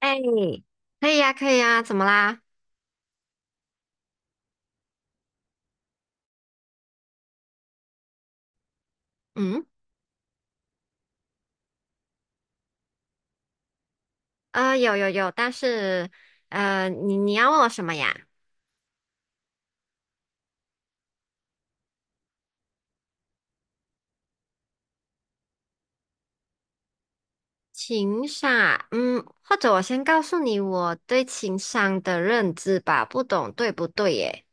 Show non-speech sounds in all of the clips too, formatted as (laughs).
哎，可以呀，可以呀，怎么啦？嗯，有有有，但是，你要问我什么呀？情商，嗯，或者我先告诉你我对情商的认知吧，不懂对不对耶？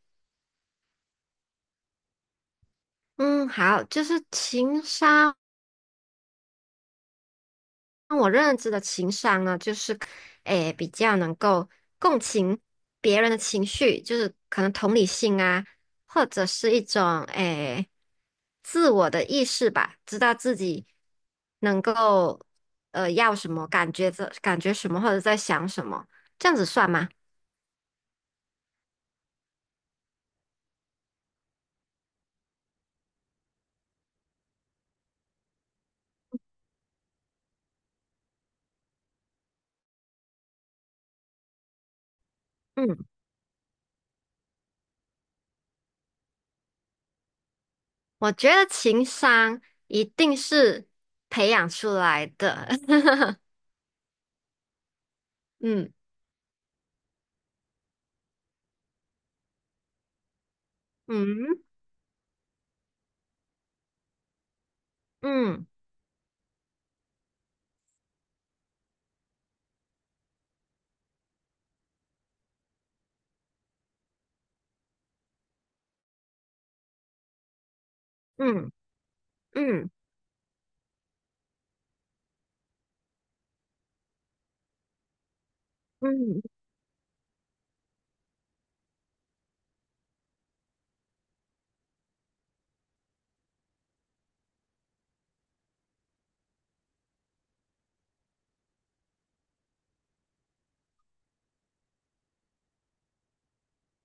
嗯，好，就是情商。我认知的情商呢，就是，诶，比较能够共情别人的情绪，就是可能同理心啊，或者是一种诶自我的意识吧，知道自己能够要什么，感觉这感觉什么，或者在想什么，这样子算吗？嗯，我觉得情商一定是培养出来的。(laughs) 嗯嗯嗯嗯嗯嗯嗯。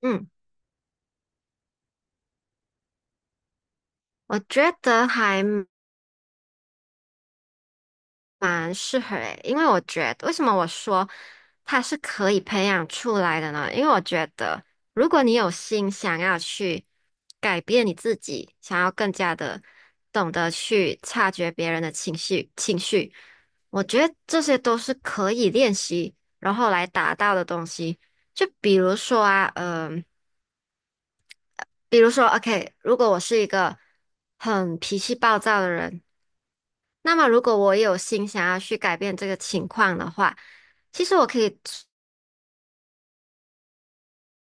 嗯我觉得还蛮适合诶，因为我觉得为什么我说它是可以培养出来的呢？因为我觉得如果你有心想要去改变你自己，想要更加的懂得去察觉别人的情绪，我觉得这些都是可以练习，然后来达到的东西。就比如说啊，嗯、比如说，OK，如果我是一个很脾气暴躁的人。那么，如果我也有心想要去改变这个情况的话，其实我可以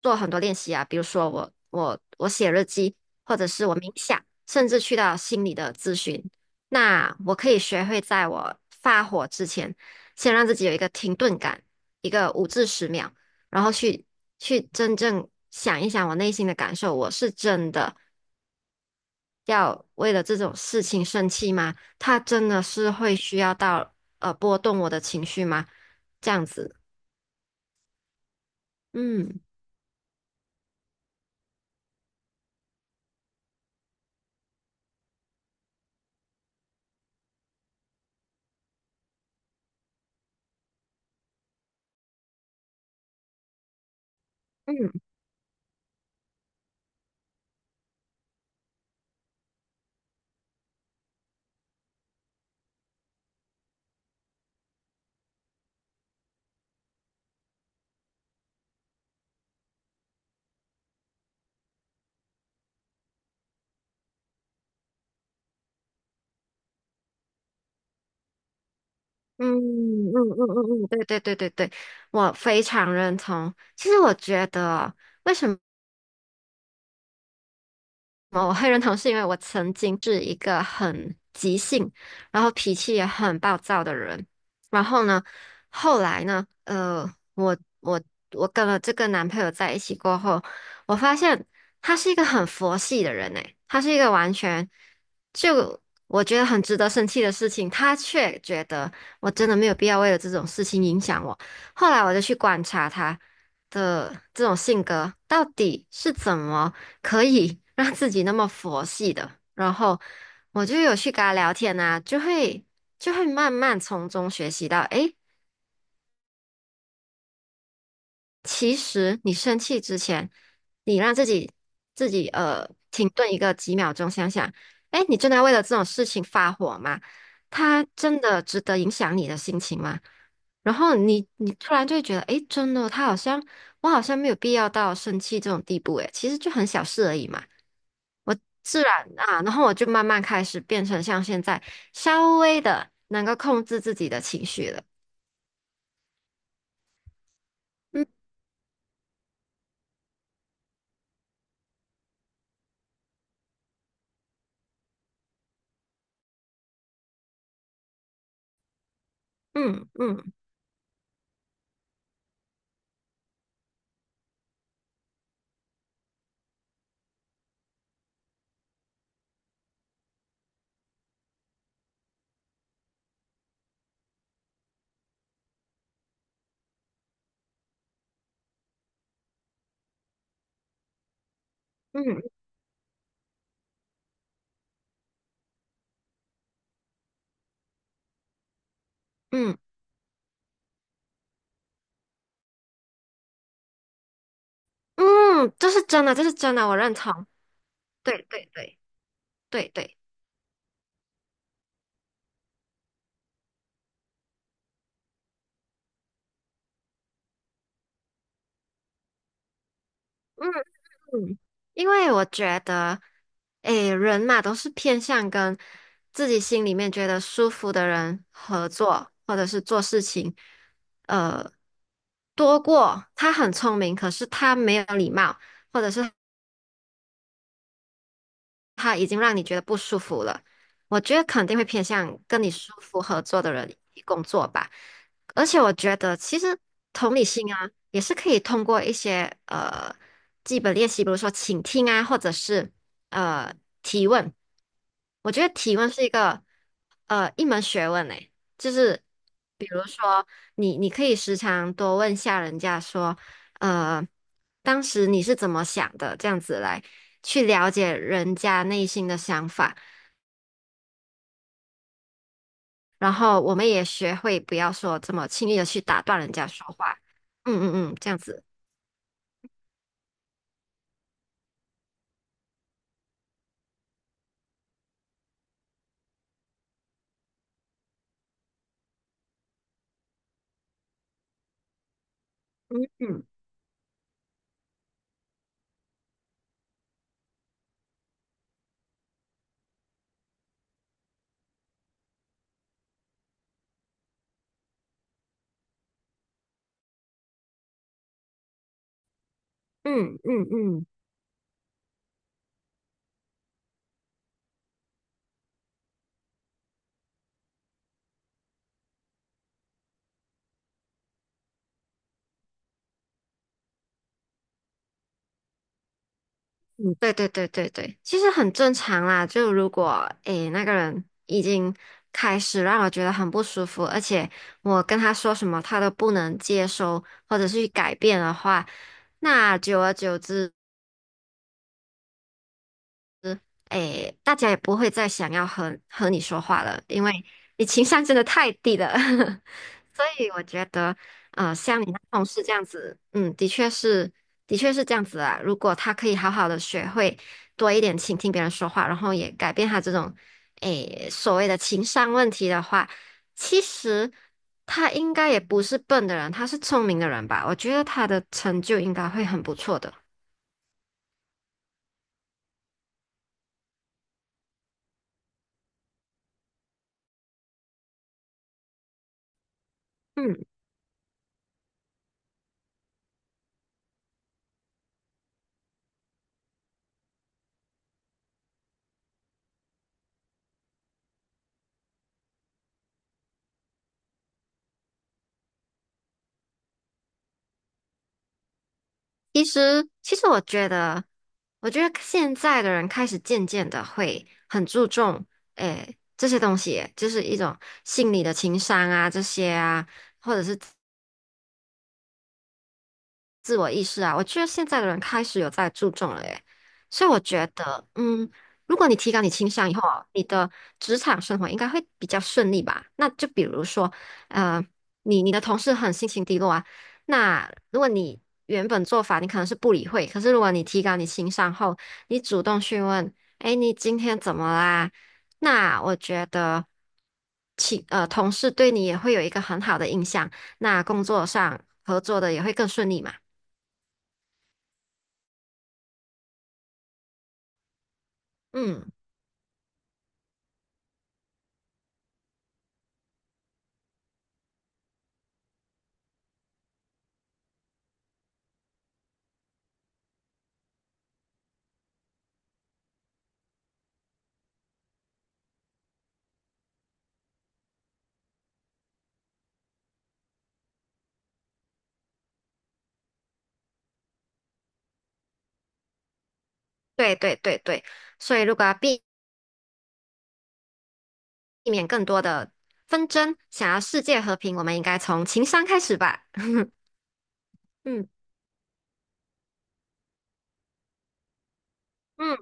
做很多练习啊，比如说我写日记，或者是我冥想，甚至去到心理的咨询。那我可以学会在我发火之前，先让自己有一个停顿感，一个五至十秒，然后去真正想一想我内心的感受，我是真的。要为了这种事情生气吗？他真的是会需要到波动我的情绪吗？这样子，嗯。嗯嗯嗯嗯嗯嗯，对对对对对，我非常认同。其实我觉得，为什么？我会认同，是因为我曾经是一个很急性，然后脾气也很暴躁的人。然后呢，后来呢，我跟了这个男朋友在一起过后，我发现他是一个很佛系的人诶，他是一个完全就我觉得很值得生气的事情，他却觉得我真的没有必要为了这种事情影响我。后来我就去观察他的这种性格到底是怎么。可以 (laughs) 让自己那么佛系的，然后我就有去跟他聊天啊，就会慢慢从中学习到，诶，其实你生气之前，你让自己停顿一个几秒钟，想想，诶，你真的要为了这种事情发火吗？他真的值得影响你的心情吗？然后你突然就会觉得，诶，真的，他好像我好像没有必要到生气这种地步，诶，其实就很小事而已嘛。我自然啊，然后我就慢慢开始变成像现在稍微的能够控制自己的情绪了。嗯嗯嗯嗯嗯嗯，这是真的，这是真的，我认同。对对对对对，嗯嗯，因为我觉得，诶，人嘛都是偏向跟自己心里面觉得舒服的人合作，或者是做事情，呃，多过他很聪明，可是他没有礼貌。或者是他已经让你觉得不舒服了，我觉得肯定会偏向跟你舒服合作的人一起工作吧。而且我觉得，其实同理心啊，也是可以通过一些基本练习，比如说倾听啊，或者是呃提问。我觉得提问是一个一门学问诶，就是。你可以时常多问下人家说，呃，当时你是怎么想的？这样子来去了解人家内心的想法，然后我们也学会不要说这么轻易的去打断人家说话。嗯嗯嗯，这样子。嗯嗯嗯嗯嗯，对对对对对，其实很正常啦。就如果诶那个人已经开始让我觉得很不舒服，而且我跟他说什么他都不能接收或者是去改变的话。那久而久之，哎，大家也不会再想要和你说话了，因为你情商真的太低了。(laughs) 所以我觉得，呃，像你那同事这样子，嗯，的确是，的确是这样子啊。如果他可以好好的学会多一点倾听别人说话，然后也改变他这种，哎，所谓的情商问题的话，其实他应该也不是笨的人，他是聪明的人吧？我觉得他的成就应该会很不错的。嗯。其实，其实我觉得，我觉得现在的人开始渐渐的会很注重，诶，这些东西，就是一种心理的情商啊，这些啊，或者是。自我意识啊，我觉得现在的人开始有在注重了耶，所以我觉得，嗯，如果你提高你情商以后啊你的职场生活应该会比较顺利吧？那就比如说，呃，你的同事很心情低落啊，那如果你原本做法你可能是不理会，可是如果你提高你情商后，你主动询问，哎，你今天怎么啦？那我觉得，同事对你也会有一个很好的印象，那工作上合作的也会更顺利嘛。嗯，对对对对，所以如果要避免更多的纷争，想要世界和平，我们应该从情商开始吧。(laughs) 嗯嗯，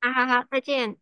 好好好，再见。